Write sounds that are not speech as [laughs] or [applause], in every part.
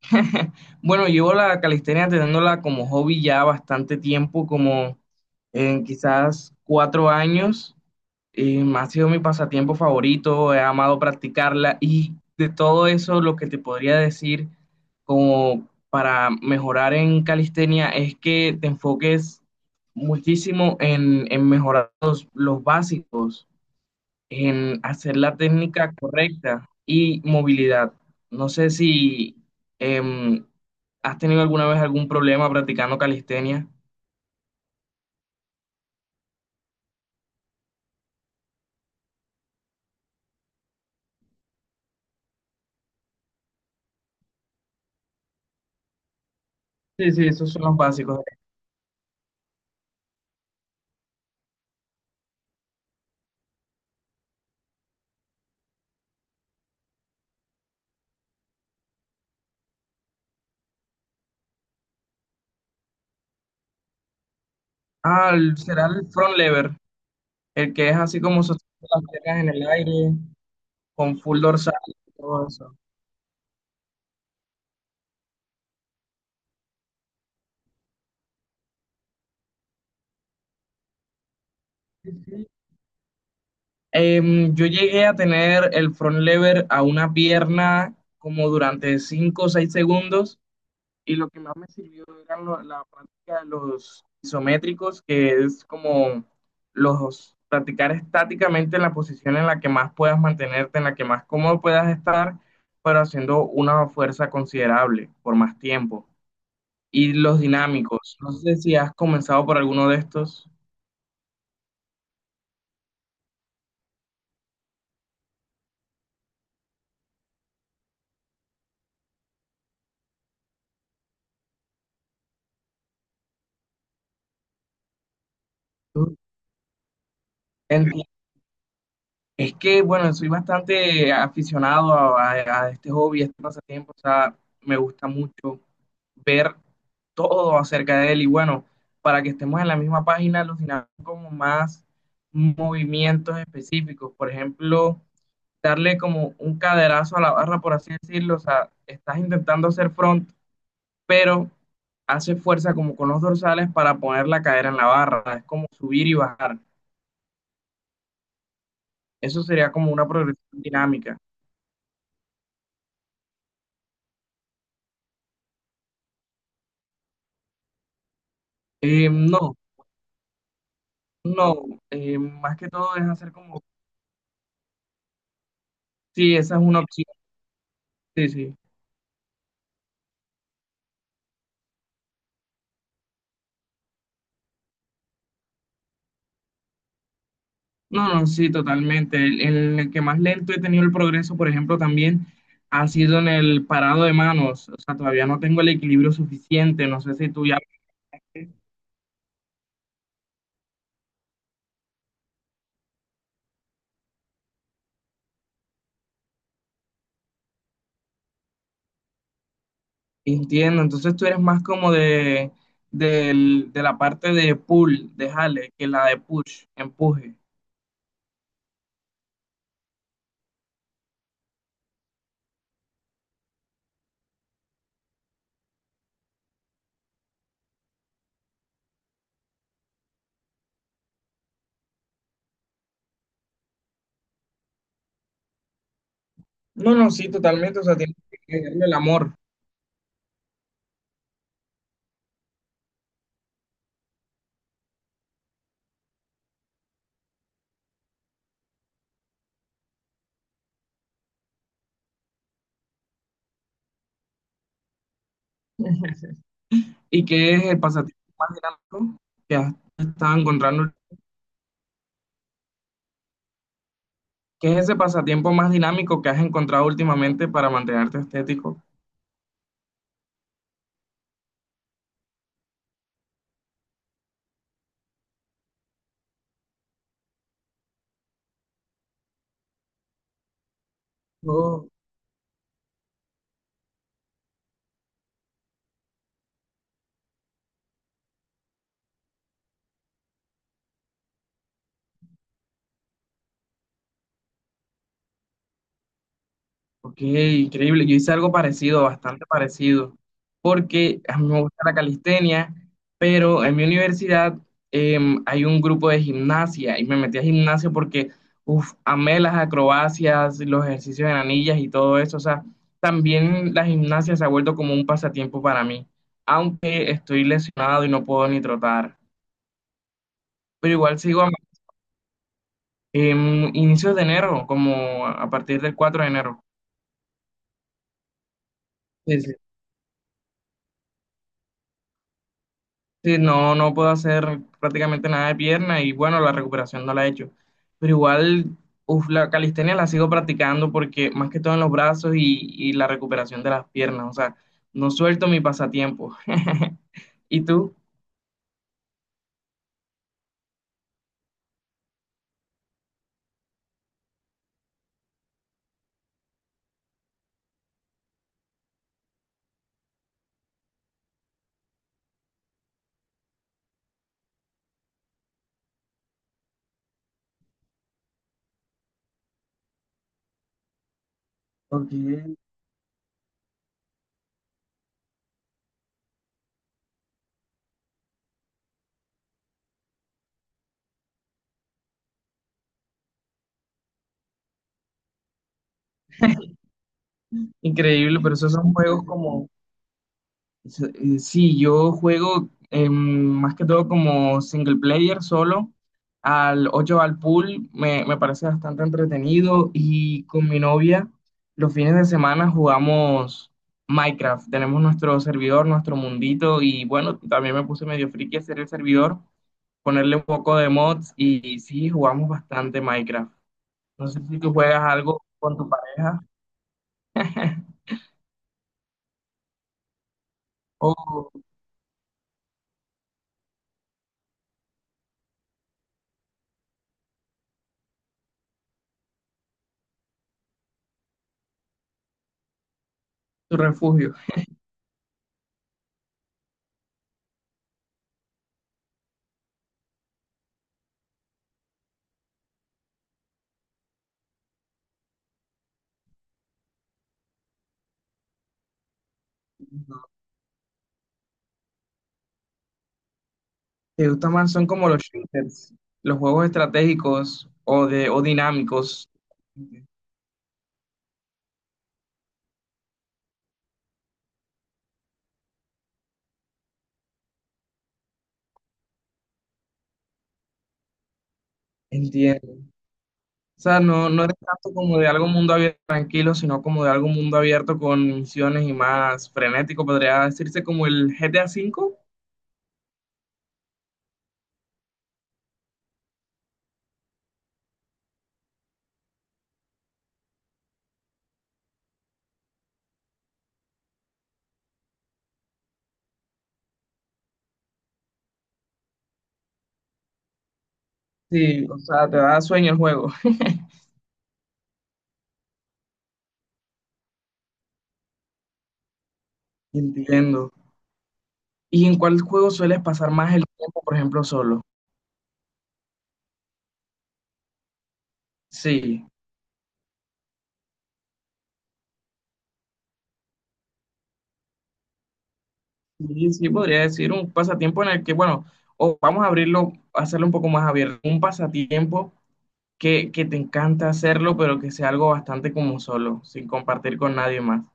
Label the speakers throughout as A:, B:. A: [laughs] Bueno, llevo la calistenia teniéndola como hobby ya bastante tiempo, como en quizás 4 años. Ha sido mi pasatiempo favorito, he amado practicarla y de todo eso lo que te podría decir como para mejorar en calistenia es que te enfoques muchísimo en mejorar los básicos en hacer la técnica correcta y movilidad. No sé si em, has tenido alguna vez algún problema practicando calistenia. Sí, sí, esos son los básicos. Ah, será el front lever, el que es así como sosteniendo las piernas en el aire, con full dorsal y todo eso. Sí, sí. Yo llegué a tener el front lever a una pierna como durante 5 o 6 segundos y lo que más me sirvió era la práctica de los isométricos, que es como los practicar estáticamente en la posición en la que más puedas mantenerte, en la que más cómodo puedas estar, pero haciendo una fuerza considerable por más tiempo. Y los dinámicos, no sé si has comenzado por alguno de estos. Entiendo. Es que, bueno, soy bastante aficionado a este hobby, a este pasatiempo, o sea, me gusta mucho ver todo acerca de él y bueno, para que estemos en la misma página, los dinámicos como más movimientos específicos, por ejemplo, darle como un caderazo a la barra, por así decirlo, o sea, estás intentando hacer front, pero haces fuerza como con los dorsales para poner la cadera en la barra, es como subir y bajar, eso sería como una progresión dinámica. No. No, más que todo es hacer como, sí, esa es una opción, sí, sí. No, no, sí, totalmente. El en el que más lento he tenido el progreso, por ejemplo, también ha sido en el parado de manos. O sea, todavía no tengo el equilibrio suficiente, no sé si tú ya. Entiendo. Entonces tú eres más como de la parte de pull, de jale, que la de push, empuje. No, no, sí, totalmente. O sea, tienes que darle el amor. ¿Y que es el pasatiempo más dinámico que has estado encontrando? ¿Qué es ese pasatiempo más dinámico que has encontrado últimamente para mantenerte estético? Oh, ok, increíble. Yo hice algo parecido, bastante parecido, porque a mí me gusta la calistenia, pero en mi universidad hay un grupo de gimnasia y me metí a gimnasia porque, uff, amé las acrobacias, los ejercicios en anillas y todo eso. O sea, también la gimnasia se ha vuelto como un pasatiempo para mí, aunque estoy lesionado y no puedo ni trotar, pero igual sigo. Em, inicios de enero, como a partir del 4 de enero. Sí, sí. Sí, no, no puedo hacer prácticamente nada de pierna y bueno, la recuperación no la he hecho. Pero igual, uf, la calistenia la sigo practicando porque más que todo en los brazos y la recuperación de las piernas. O sea, no suelto mi pasatiempo. [laughs] ¿Y tú? Ok. Increíble, pero esos son juegos como, Sí, yo juego más que todo como single player solo. Al 8 al pool me parece bastante entretenido y con mi novia los fines de semana jugamos Minecraft. Tenemos nuestro servidor, nuestro mundito y bueno, también me puse medio friki a hacer el servidor, ponerle un poco de mods y, sí, jugamos bastante Minecraft. No sé si tú juegas algo con tu pareja. [laughs] O tu refugio. ¿Te gustan más? Son como los shooters, los juegos estratégicos o dinámicos. Entiendo. O sea, no, no eres tanto como de algo mundo abierto tranquilo, sino como de algo mundo abierto con misiones y más frenético, podría decirse como el GTA V. Sí, o sea, te da sueño el juego. [laughs] Entiendo. ¿Y en cuál juego sueles pasar más el tiempo, por ejemplo, solo? Sí, sí, sí, podría decir un pasatiempo en el que, bueno, o vamos a abrirlo, hacerlo un poco más abierto, un pasatiempo que te encanta hacerlo, pero que sea algo bastante como solo, sin compartir con nadie más.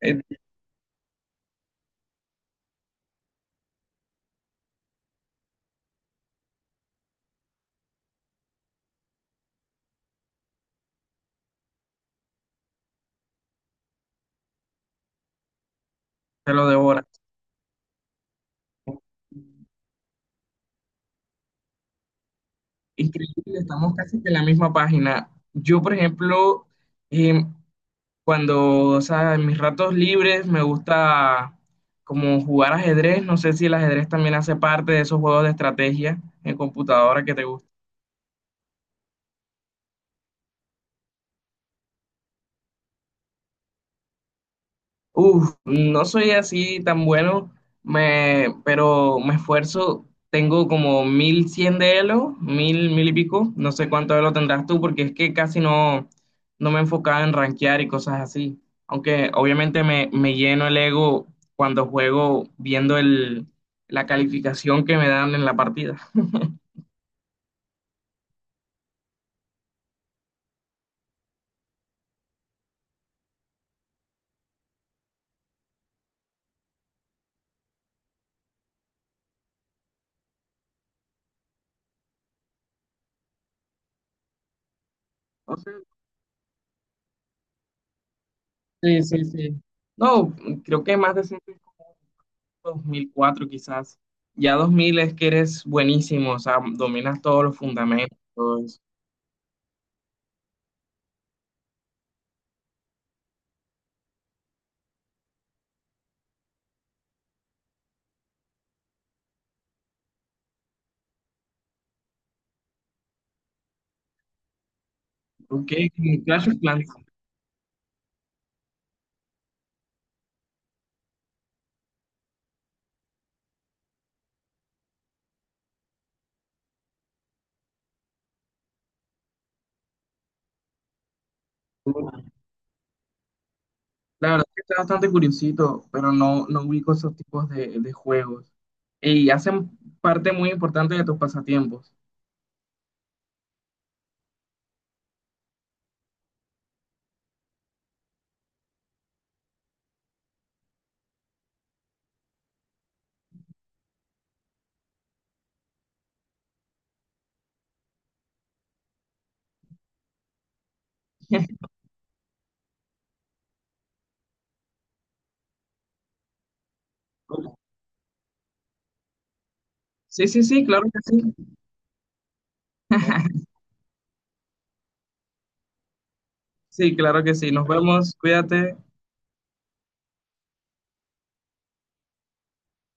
A: Eh, te lo devoras. Increíble, estamos casi que en la misma página. Yo, por ejemplo, em, o sea, en mis ratos libres me gusta como jugar ajedrez. No sé si el ajedrez también hace parte de esos juegos de estrategia en computadora que te gustan. Uf, no soy así tan bueno, pero me esfuerzo. Tengo como 1100 de Elo, 1000 1000 y pico. No sé cuánto Elo tendrás tú, porque es que casi no me enfocaba en rankear y cosas así. Aunque obviamente me lleno el ego cuando juego viendo la calificación que me dan en la partida. O sea, sí, sí, sí. No, creo que más de 100, 2004 quizás. Ya 2000 es que eres buenísimo, o sea, dominas todos los fundamentos, todo eso. Ok, como Clash of Clans. La verdad que está bastante curiosito, pero no, no ubico esos tipos de juegos. Y hacen parte muy importante de tus pasatiempos. [laughs] Sí, sí, sí, claro que sí. Sí, claro que sí. Nos vemos, cuídate.